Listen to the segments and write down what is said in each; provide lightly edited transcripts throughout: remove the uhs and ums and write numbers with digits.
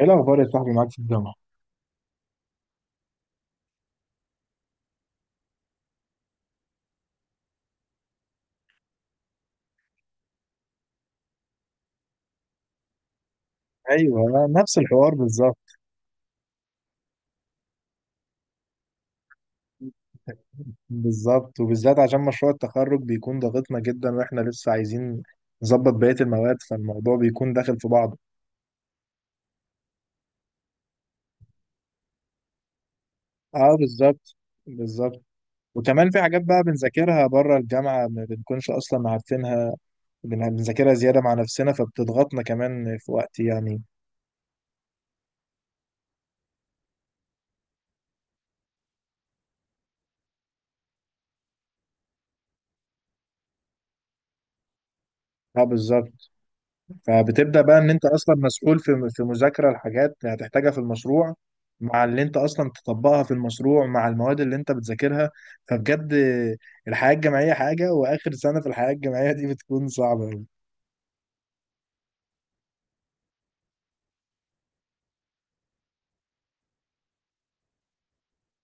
ايه الاخبار يا صاحبي؟ معاك في الجامعه. ايوه، نفس الحوار بالظبط. بالظبط، وبالذات عشان مشروع التخرج بيكون ضاغطنا جدا واحنا لسه عايزين نظبط بقيه المواد، فالموضوع بيكون داخل في بعضه. اه بالظبط. بالظبط. وكمان في حاجات بقى بنذاكرها بره الجامعه، ما بنكونش اصلا عارفينها. بنذاكرها زياده مع نفسنا فبتضغطنا كمان في وقت يعني. اه بالظبط. فبتبدأ بقى ان انت اصلا مسؤول في مذاكرة الحاجات اللي هتحتاجها في المشروع، مع اللي انت اصلا تطبقها في المشروع مع المواد اللي انت بتذاكرها، فبجد الحياة الجامعية حاجة، واخر سنة في الحياة الجامعية دي بتكون صعبة أوي.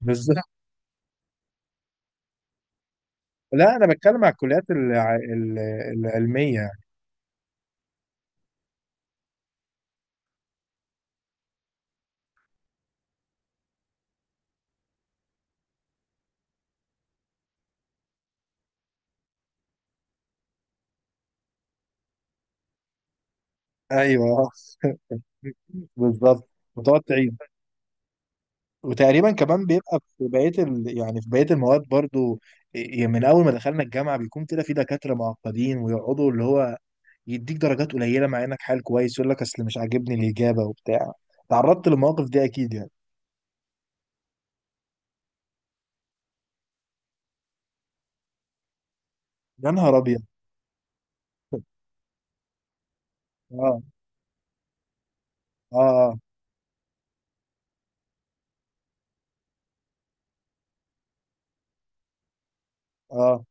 بالظبط. لا، انا بتكلم على الكليات العلمية. ايوه. بالظبط. وتقعد تعيد. وتقريبا كمان بيبقى في بقيه يعني في بقيه المواد برضو. يعني من اول ما دخلنا الجامعه بيكون كده، في دكاتره معقدين ويقعدوا اللي هو يديك درجات قليله مع انك حال كويس، يقول لك اصل مش عاجبني الاجابه وبتاع. تعرضت للمواقف دي اكيد يعني؟ يا نهار ابيض. اه، اه، اه، آه،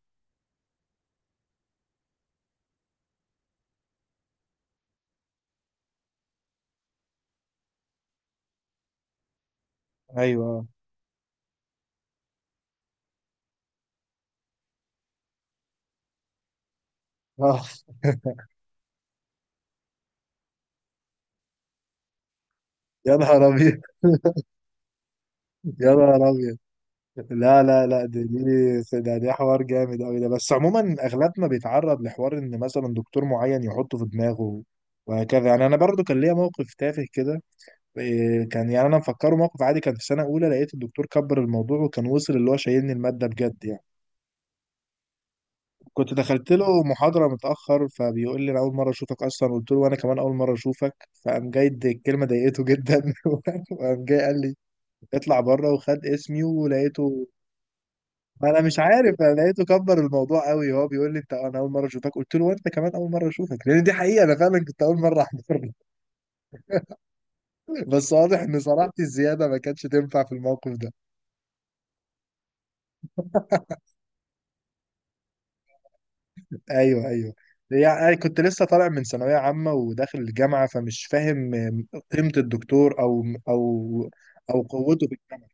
ايوه، اه. يا نهار ابيض. يا نهار ابيض. لا، لا، لا، دي دي ده دي حوار جامد قوي ده، بس عموما اغلبنا بيتعرض لحوار ان مثلا دكتور معين يحطه في دماغه، وهكذا يعني. انا برضو كان ليا موقف تافه كده. إيه، كان يعني انا مفكره موقف عادي. كان في سنه اولى، لقيت الدكتور كبر الموضوع وكان وصل اللي هو شايلني الماده بجد يعني. كنت دخلت له محاضرة متأخر، فبيقول لي أنا أول مرة أشوفك أصلا. قلت له وأنا كمان أول مرة أشوفك. فقام جاي الكلمة ضايقته جدا. وقام جاي قال لي اطلع بره وخد اسمي، ولقيته. أنا مش عارف، أنا لقيته كبر الموضوع قوي. هو بيقول لي أنت أنا أول مرة أشوفك، قلت له وأنت كمان أول مرة أشوفك، لأن دي حقيقة أنا فعلا كنت أول مرة أحضر له. بس واضح إن صراحتي الزيادة ما كانتش تنفع في الموقف ده. ايوه، ايوه. يعني كنت لسه طالع من ثانويه عامه وداخل الجامعه، فمش فاهم قيمه الدكتور او او قوته في الجامعه.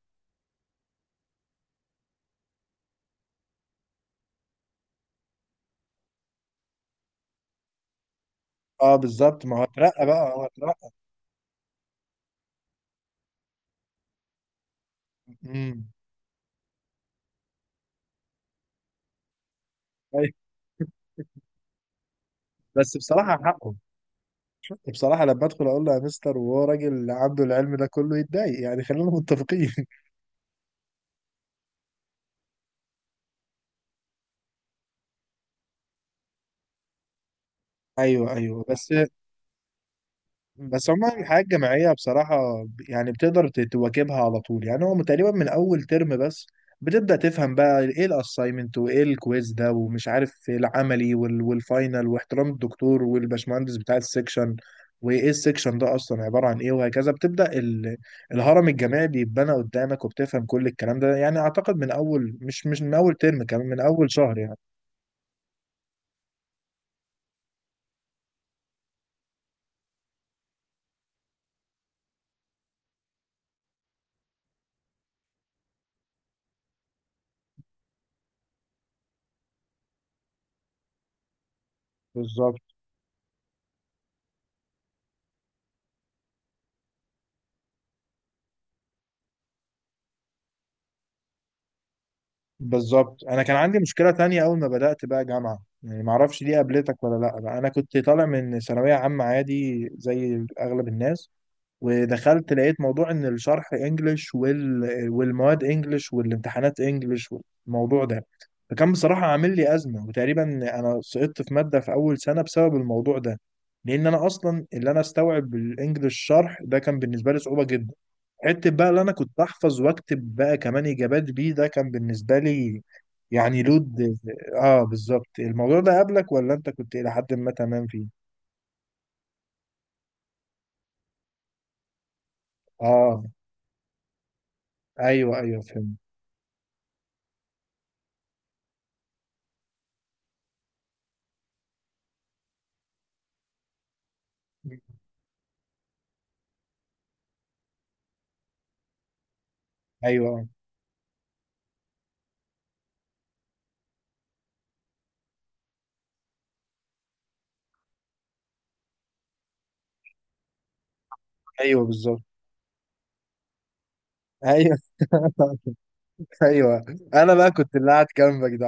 اه بالظبط، ما هو اترقى بقى، هو اترقى. امم. أيوة. بس بصراحه حقه. بصراحه لما ادخل اقول له يا مستر وهو راجل عنده العلم ده كله يتضايق يعني، خلينا متفقين. ايوه، ايوه، بس. بس عموما الحياة الجامعية بصراحة يعني بتقدر تواكبها على طول. يعني هو تقريبا من أول ترم بس بتبدأ تفهم بقى إيه الأسايمنت وإيه الكويز ده، ومش عارف إيه العملي والفاينل، واحترام الدكتور والباشمهندس بتاع السكشن، وإيه السكشن ده أصلا عبارة عن إيه، وهكذا. بتبدأ الهرم الجامعي بيتبنى قدامك وبتفهم كل الكلام ده. يعني أعتقد من أول، مش من أول ترم، كمان من أول شهر يعني. بالظبط. بالظبط. انا كان عندي مشكله تانية اول ما بدات بقى جامعه، يعني ما اعرفش دي قابلتك ولا لا، بقى انا كنت طالع من ثانويه عامه عادي زي اغلب الناس، ودخلت لقيت موضوع ان الشرح انجلش والمواد انجلش والامتحانات انجلش والموضوع ده، فكان بصراحه عامل لي ازمه. وتقريبا انا سقطت في ماده في اول سنه بسبب الموضوع ده، لان انا اصلا اللي انا استوعب الانجليش شرح ده كان بالنسبه لي صعوبه جدا. حته بقى اللي انا كنت احفظ واكتب بقى كمان اجابات بيه ده كان بالنسبه لي يعني لود. اه بالظبط. الموضوع ده قبلك، ولا انت كنت الى حد ما تمام فيه؟ اه، ايوه، ايوه فهمت. ايوه، ايوه بالظبط. ايوه. ايوه، انا بقى كنت اللي قاعد جنبك ده.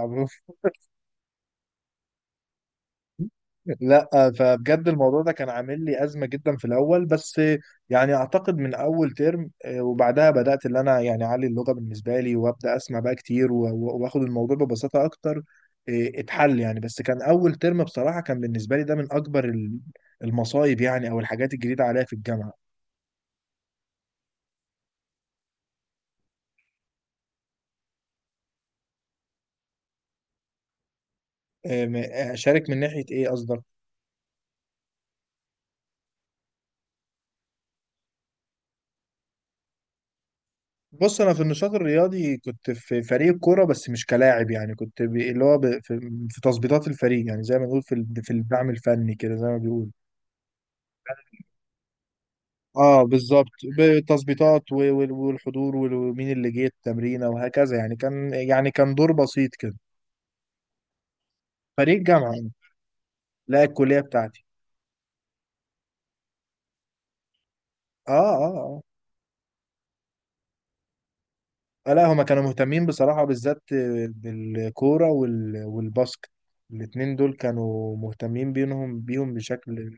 لا، فبجد الموضوع ده كان عامل لي أزمة جدا في الأول، بس يعني أعتقد من أول ترم. آه، وبعدها بدأت اللي أنا يعني أعلي اللغة بالنسبة لي، وأبدأ أسمع بقى كتير وآخد الموضوع ببساطة أكتر. آه، اتحل يعني. بس كان أول ترم بصراحة كان بالنسبة لي ده من أكبر المصايب يعني، أو الحاجات الجديدة عليا في الجامعة. آه، أشارك من ناحية إيه قصدك؟ بص، انا في النشاط الرياضي كنت في فريق كوره، بس مش كلاعب يعني. كنت اللي هو في تظبيطات الفريق، يعني زي ما بنقول في في الدعم الفني كده، زي ما بيقول. اه بالظبط، بالتظبيطات والحضور ومين اللي جه التمرينه وهكذا يعني. كان يعني كان دور بسيط كده. فريق جامعه؟ لا الكليه بتاعتي. اه، اه، اه، آه. لا، هما كانوا مهتمين بصراحه بالذات بالكوره والباسكت. الاتنين دول كانوا مهتمين بيهم بشكل.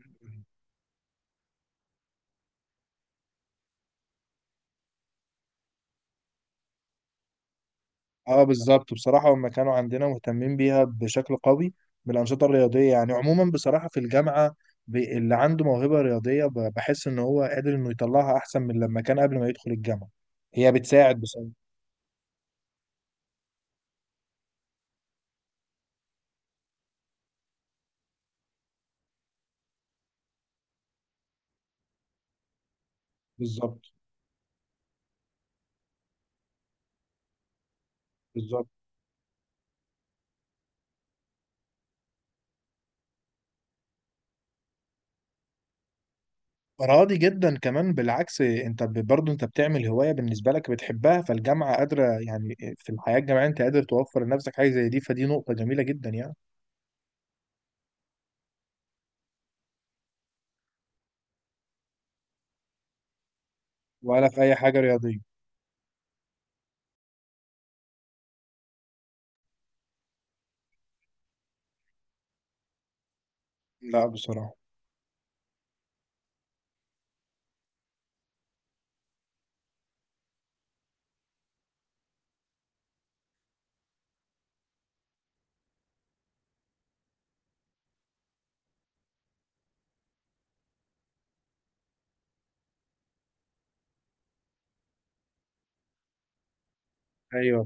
اه بالظبط. بصراحة هم كانوا عندنا مهتمين بيها بشكل قوي بالأنشطة الرياضية يعني عموما بصراحة، في الجامعة اللي عنده موهبة رياضية بحس إن هو قادر إنه يطلعها أحسن من لما كان قبل ما يدخل الجامعة. هي بتساعد بصراحة. بالظبط. بالظبط. راضي جدا كمان، بالعكس. انت برضه انت بتعمل هواية بالنسبة لك بتحبها، فالجامعة قادرة يعني. في الحياة الجامعية انت قادر توفر لنفسك حاجة زي دي، فدي نقطة جميلة جدا يعني. ولا في أي حاجة رياضية؟ لا بصراحة. ايوه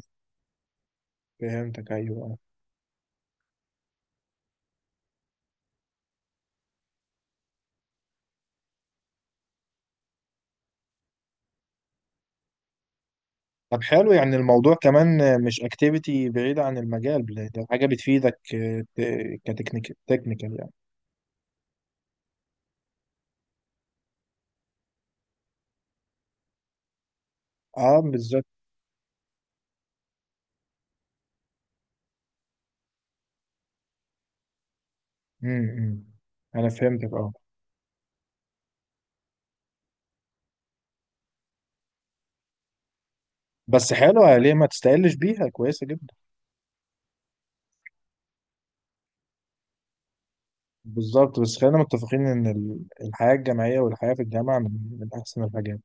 فهمتك، ايوه. طب حلو، يعني الموضوع كمان مش اكتيفيتي بعيدة عن المجال، ده حاجة بتفيدك كتكنيك، تكنيكال يعني. اه بالظبط. امم. إمم. انا فهمتك، اه. بس حلوة، ليه ما تستقلش بيها، كويسة جدا. بالظبط، بس خلينا متفقين ان الحياة الجامعية، والحياة في الجامعة من احسن الحاجات.